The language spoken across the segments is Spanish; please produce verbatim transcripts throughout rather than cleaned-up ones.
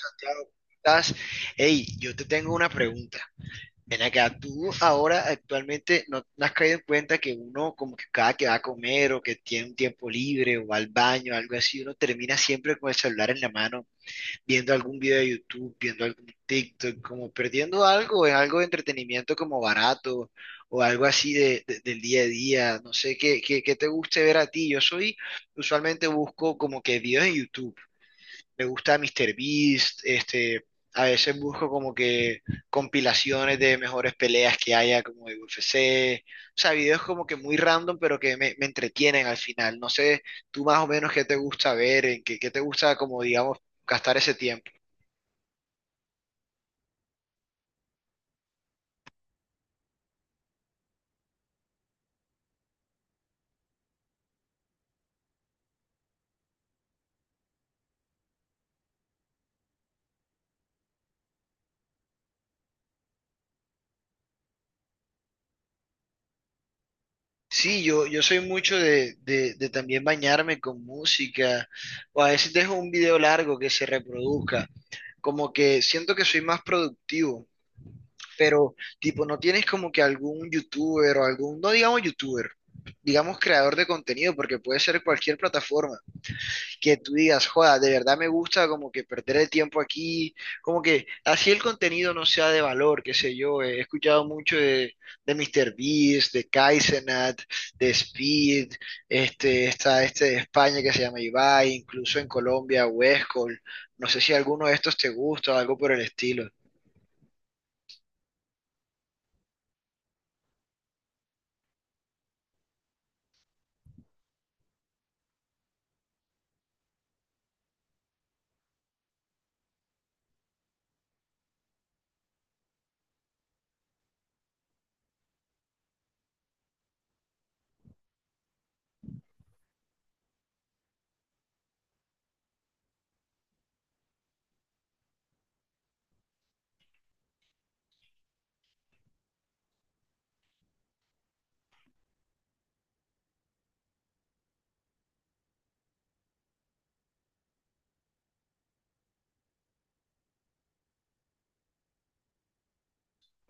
Santiago, ¿cómo estás? Hey, yo te tengo una pregunta. Ven acá, tú ahora actualmente no, no has caído en cuenta que uno, como que cada que va a comer o que tiene un tiempo libre o va al baño, algo así, uno termina siempre con el celular en la mano, viendo algún video de YouTube, viendo algún TikTok, como perdiendo algo en algo de entretenimiento como barato o algo así de, de- del día a día. No sé qué, qué, qué te guste ver a ti. Yo soy, usualmente busco como que videos en YouTube. Me gusta míster Beast, este, a veces busco como que compilaciones de mejores peleas que haya como de U F C, o sea, videos como que muy random, pero que me, me entretienen al final. No sé, tú más o menos qué te gusta ver, en qué, qué te gusta como, digamos, gastar ese tiempo. Sí, yo, yo soy mucho de, de, de también bañarme con música, o a veces dejo un video largo que se reproduzca, como que siento que soy más productivo. Pero tipo, no tienes como que algún youtuber o algún, no digamos youtuber, digamos creador de contenido, porque puede ser cualquier plataforma, que tú digas, joda, de verdad me gusta como que perder el tiempo aquí, como que así el contenido no sea de valor, qué sé yo, he escuchado mucho de, de míster Beast, de Kaizenat, de Speed, este, está este de España que se llama Ibai, incluso en Colombia, Westcol, no sé si alguno de estos te gusta o algo por el estilo.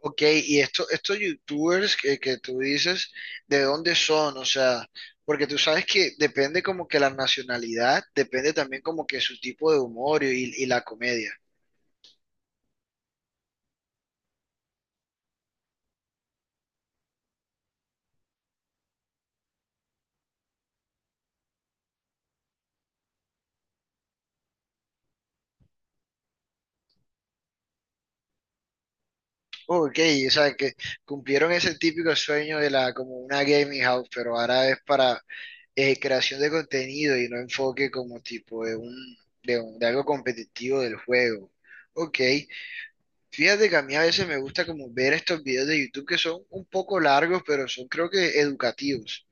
Ok, y esto, estos youtubers que, que tú dices, ¿de dónde son? O sea, porque tú sabes que depende como que la nacionalidad, depende también como que su tipo de humor y, y la comedia. Ok, o sea, que cumplieron ese típico sueño de la como una gaming house, pero ahora es para eh, creación de contenido y no enfoque como tipo de un, de un- de algo competitivo del juego. Ok. Fíjate que a mí a veces me gusta como ver estos videos de YouTube que son un poco largos, pero son creo que educativos.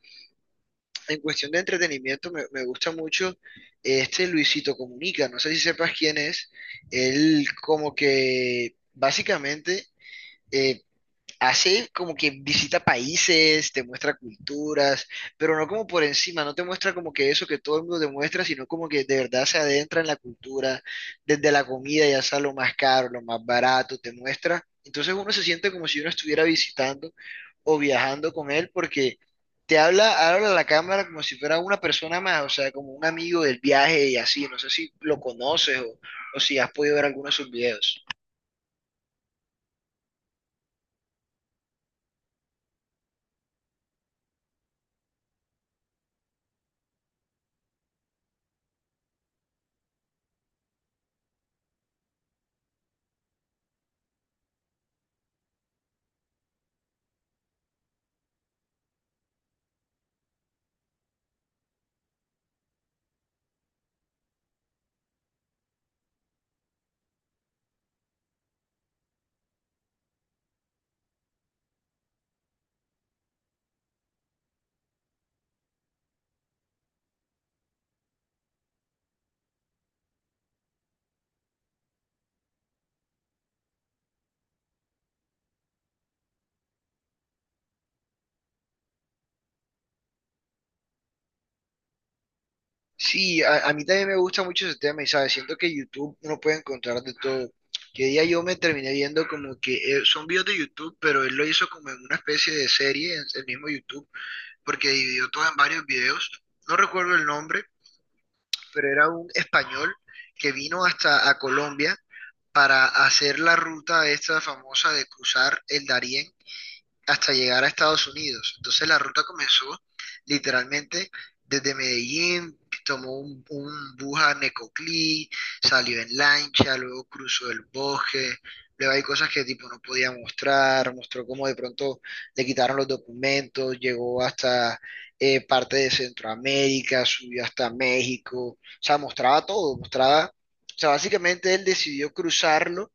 En cuestión de entretenimiento me, me gusta mucho este Luisito Comunica. No sé si sepas quién es. Él como que básicamente eh, hace como que visita países, te muestra culturas, pero no como por encima, no te muestra como que eso que todo el mundo te muestra, sino como que de verdad se adentra en la cultura, desde la comida, ya sea lo más caro, lo más barato, te muestra. Entonces uno se siente como si uno estuviera visitando o viajando con él porque te habla, habla a la cámara como si fuera una persona más, o sea, como un amigo del viaje y así, no sé si lo conoces o, o si has podido ver algunos de sus videos. Sí, a, a mí también me gusta mucho ese tema y sabes, siento que YouTube uno puede encontrar de todo. Que día yo me terminé viendo como que eh, son videos de YouTube, pero él lo hizo como en una especie de serie en el mismo YouTube, porque dividió todo en varios videos. No recuerdo el nombre, pero era un español que vino hasta a Colombia para hacer la ruta esta famosa de cruzar el Darién hasta llegar a Estados Unidos. Entonces la ruta comenzó literalmente desde Medellín, tomó un, un bus a Necoclí, salió en lancha, luego cruzó el bosque, luego hay cosas que tipo no podía mostrar, mostró cómo de pronto le quitaron los documentos, llegó hasta eh, parte de Centroamérica, subió hasta México, o sea, mostraba todo, mostraba, o sea, básicamente él decidió cruzarlo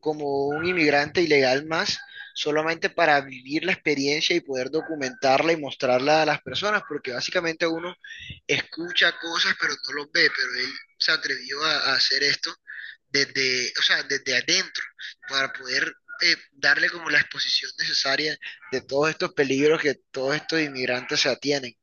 como un inmigrante ilegal más, solamente para vivir la experiencia y poder documentarla y mostrarla a las personas, porque básicamente uno escucha cosas pero no los ve, pero él se atrevió a, a hacer esto desde, o sea, desde adentro, para poder eh, darle como la exposición necesaria de todos estos peligros que todos estos inmigrantes se atienen.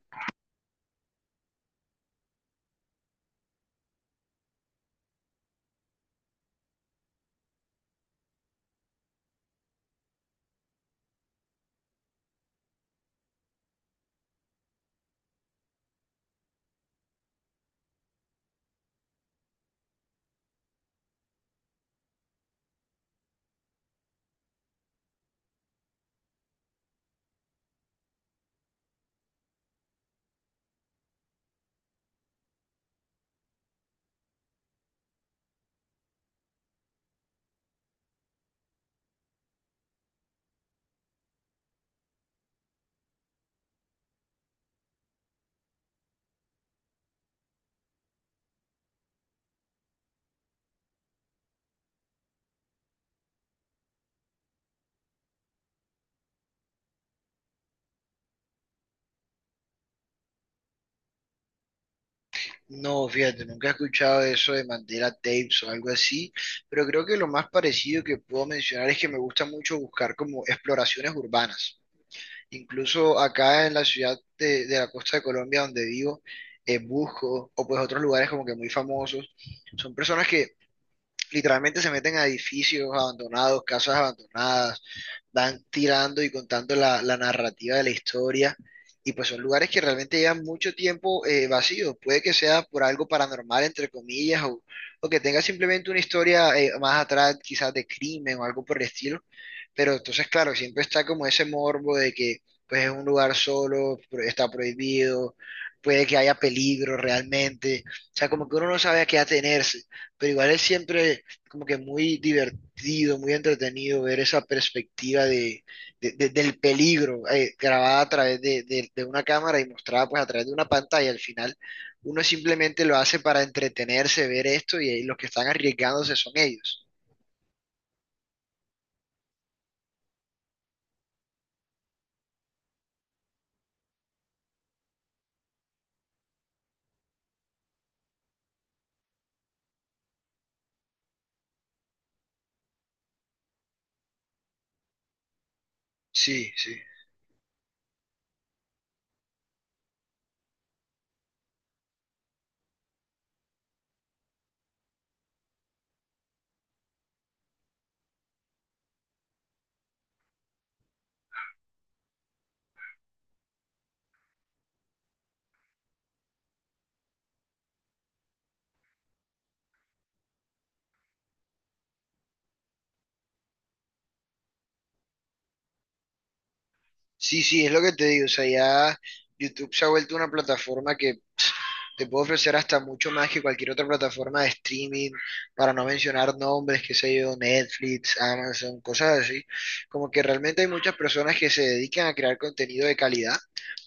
No, fíjate, nunca he escuchado eso de Mandela Tapes o algo así, pero creo que lo más parecido que puedo mencionar es que me gusta mucho buscar como exploraciones urbanas. Incluso acá en la ciudad de, de la costa de Colombia donde vivo, eh, busco, o pues otros lugares como que muy famosos, son personas que literalmente se meten a edificios abandonados, casas abandonadas, van tirando y contando la, la narrativa de la historia. Y pues son lugares que realmente llevan mucho tiempo eh, vacíos. Puede que sea por algo paranormal, entre comillas, o, o que tenga simplemente una historia eh, más atrás, quizás de crimen o algo por el estilo. Pero entonces, claro, siempre está como ese morbo de que pues es un lugar solo, pro- está prohibido, puede que haya peligro realmente. O sea, como que uno no sabe a qué atenerse pero igual es siempre como que muy divertido, muy entretenido ver esa perspectiva de, de- de- del peligro eh, grabada a través de, de- de una cámara y mostrada pues a través de una pantalla. Al final uno simplemente lo hace para entretenerse, ver esto y ahí los que están arriesgándose son ellos. Sí, sí. Sí, sí, es lo que te digo. O sea, ya YouTube se ha vuelto una plataforma que te puede ofrecer hasta mucho más que cualquier otra plataforma de streaming, para no mencionar nombres, qué sé yo, Netflix, Amazon, cosas así. Como que realmente hay muchas personas que se dedican a crear contenido de calidad,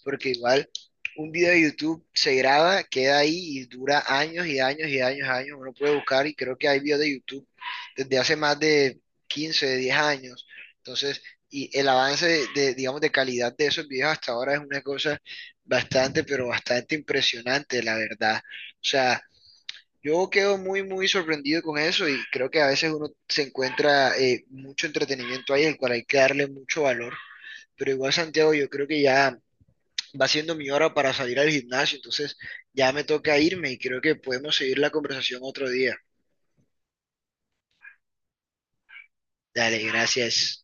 porque igual un video de YouTube se graba, queda ahí y dura años y años y años, años. Uno puede buscar y creo que hay videos de YouTube desde hace más de quince, diez años. Entonces, y el avance de, de, digamos, de calidad de esos videos hasta ahora es una cosa bastante, pero bastante impresionante, la verdad. O sea, yo quedo muy, muy sorprendido con eso y creo que a veces uno se encuentra eh, mucho entretenimiento ahí, el cual hay que darle mucho valor. Pero igual, Santiago, yo creo que ya va siendo mi hora para salir al gimnasio, entonces ya me toca irme y creo que podemos seguir la conversación otro día. Dale, gracias.